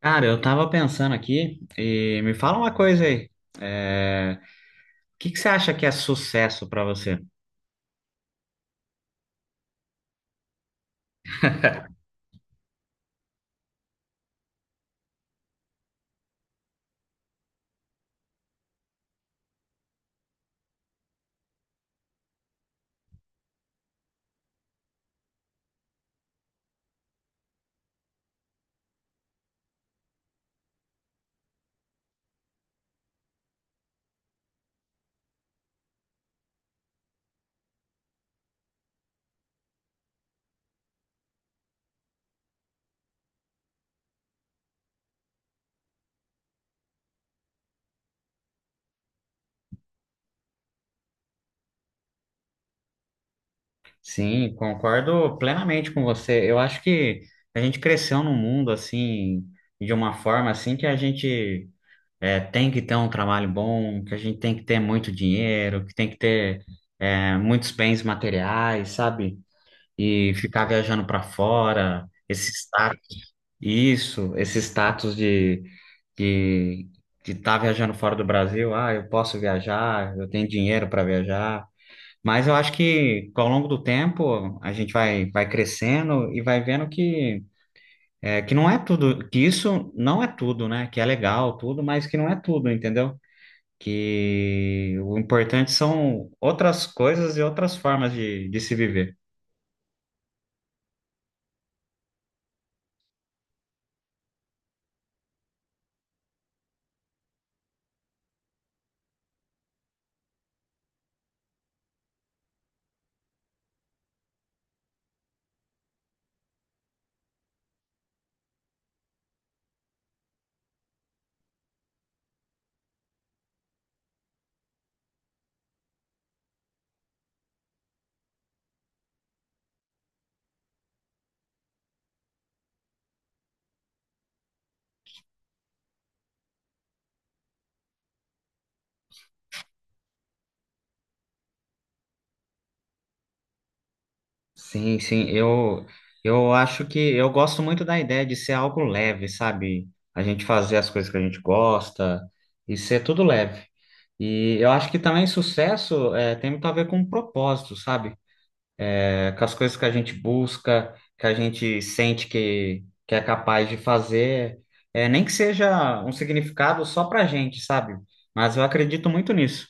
Cara, eu tava pensando aqui e me fala uma coisa aí. É, O que que você acha que é sucesso pra você? Sim, concordo plenamente com você. Eu acho que a gente cresceu num mundo assim, de uma forma assim que a gente tem que ter um trabalho bom, que a gente tem que ter muito dinheiro, que tem que ter muitos bens materiais, sabe? E ficar viajando para fora, esse status, isso, esse status de de de estar viajando fora do Brasil. Ah, eu posso viajar, eu tenho dinheiro para viajar. Mas eu acho que ao longo do tempo a gente vai crescendo e vai vendo que que não é tudo, que isso não é tudo, né? Que é legal tudo, mas que não é tudo, entendeu? Que o importante são outras coisas e outras formas de se viver. Sim, sim, eu acho que eu gosto muito da ideia de ser algo leve, sabe? A gente fazer as coisas que a gente gosta e ser tudo leve. E eu acho que também sucesso tem muito a ver com propósito, sabe? É, com as coisas que a gente busca, que a gente sente que é capaz de fazer, é, nem que seja um significado só pra gente, sabe? Mas eu acredito muito nisso.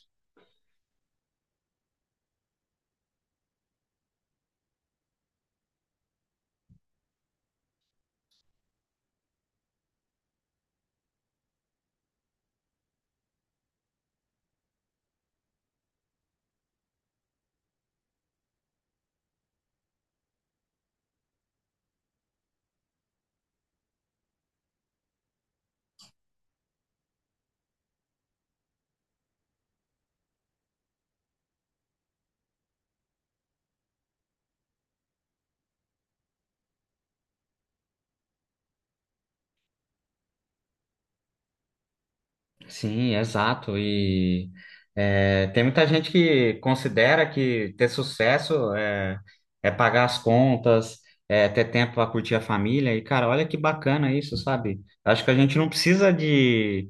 Sim, exato. Tem muita gente que considera que ter sucesso é pagar as contas, é ter tempo para curtir a família. E, cara, olha que bacana isso, sabe? Acho que a gente não precisa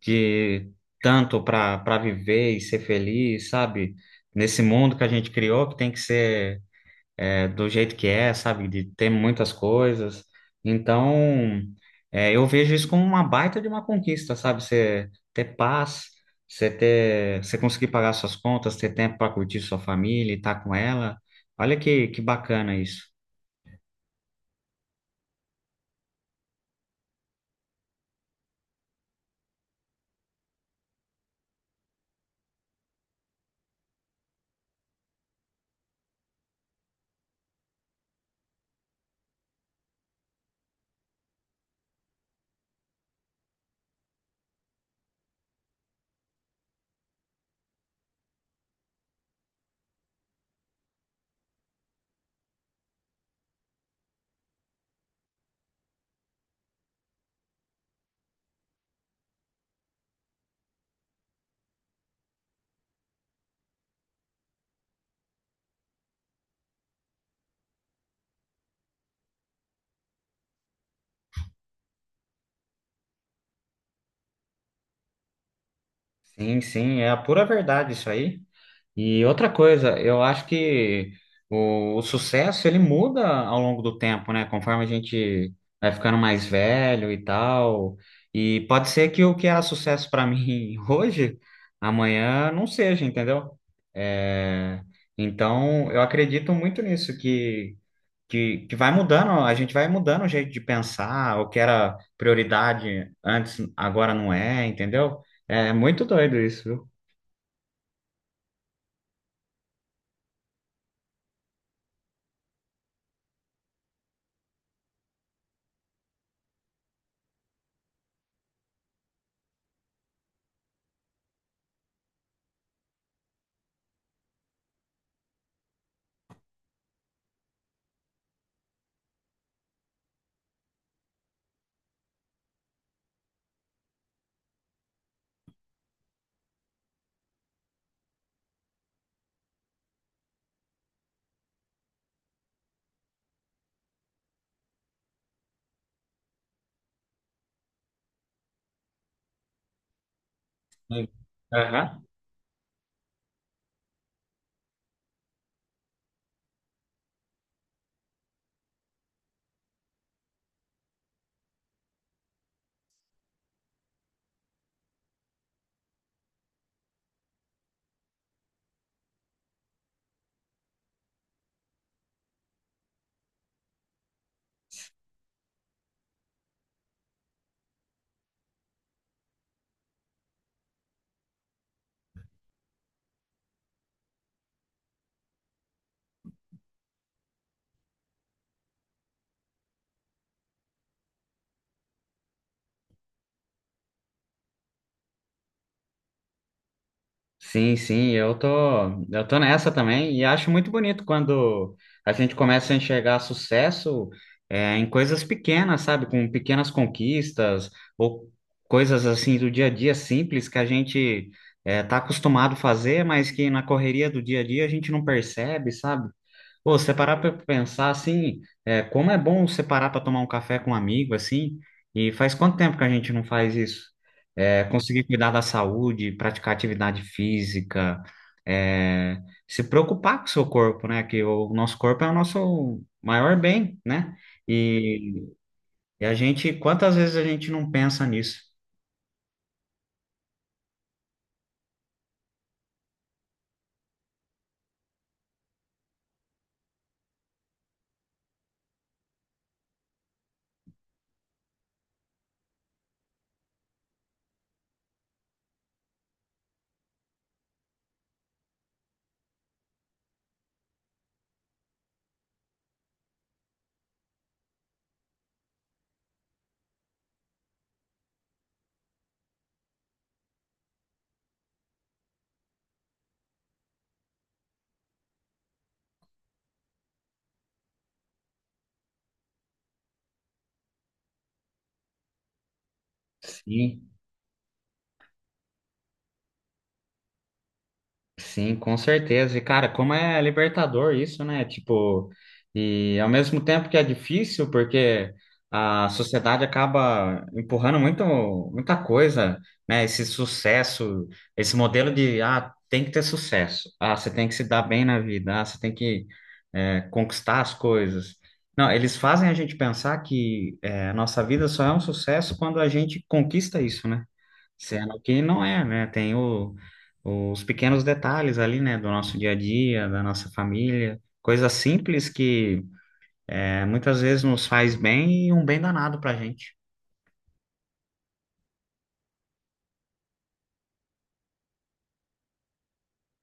de tanto para viver e ser feliz, sabe? Nesse mundo que a gente criou, que tem que ser do jeito que é, sabe? De ter muitas coisas. Então, é, eu vejo isso como uma baita de uma conquista, sabe? Você ter paz, você ter, você conseguir pagar suas contas, ter tempo para curtir sua família e estar com ela. Olha que bacana isso. Sim, sim, é a pura verdade isso aí. E outra coisa, eu acho que o sucesso ele muda ao longo do tempo, né? Conforme a gente vai ficando mais velho e tal. E pode ser que o que era sucesso para mim hoje, amanhã não seja, entendeu? É, então, eu acredito muito nisso, que vai mudando, a gente vai mudando o jeito de pensar, o que era prioridade antes, agora não é, entendeu? É muito doido isso, viu? Aham. Sim, sim, eu tô nessa também e acho muito bonito quando a gente começa a enxergar sucesso em coisas pequenas, sabe? Com pequenas conquistas ou coisas assim do dia a dia simples que a gente tá acostumado a fazer, mas que na correria do dia a dia a gente não percebe, sabe? Pô, se você parar para pensar assim, é, como é bom você parar para tomar um café com um amigo assim, e faz quanto tempo que a gente não faz isso? É, conseguir cuidar da saúde, praticar atividade física, é, se preocupar com o seu corpo, né? Que o nosso corpo é o nosso maior bem, né? E, e a gente, quantas vezes a gente não pensa nisso? Sim. Sim, com certeza. E, cara, como é libertador isso, né? Tipo, e ao mesmo tempo que é difícil, porque a sociedade acaba empurrando muito, muita coisa, né? Esse sucesso, esse modelo de, ah, tem que ter sucesso, ah, você tem que se dar bem na vida, ah, você tem que, é, conquistar as coisas. Não, eles fazem a gente pensar que, é, a nossa vida só é um sucesso quando a gente conquista isso, né? Sendo que não é, né? Tem os pequenos detalhes ali, né? Do nosso dia a dia, da nossa família. Coisas simples que muitas vezes nos faz bem e um bem danado pra gente.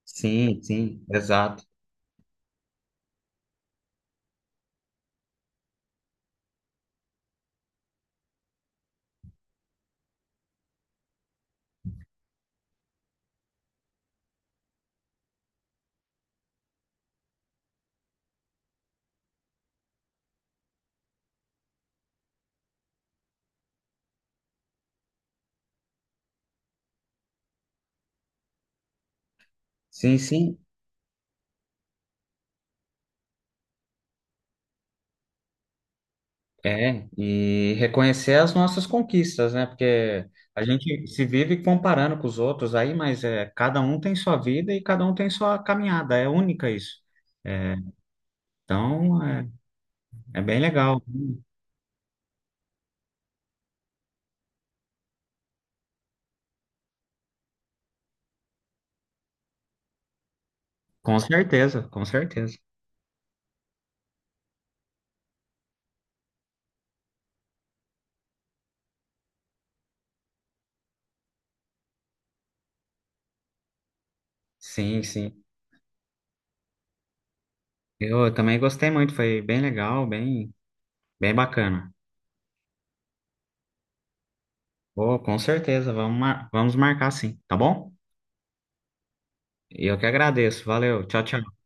Sim, sim, exato. Sim, sim, é. E reconhecer as nossas conquistas, né? Porque a gente se vive comparando com os outros aí, mas é, cada um tem sua vida e cada um tem sua caminhada. É única isso. É, então, é, é bem legal. Com certeza, com certeza. Sim, sim. Eu também gostei muito, foi bem legal, bem, bem bacana. Pô, com certeza, vamos, vamos marcar sim, tá bom? E eu que agradeço, valeu, tchau, tchau.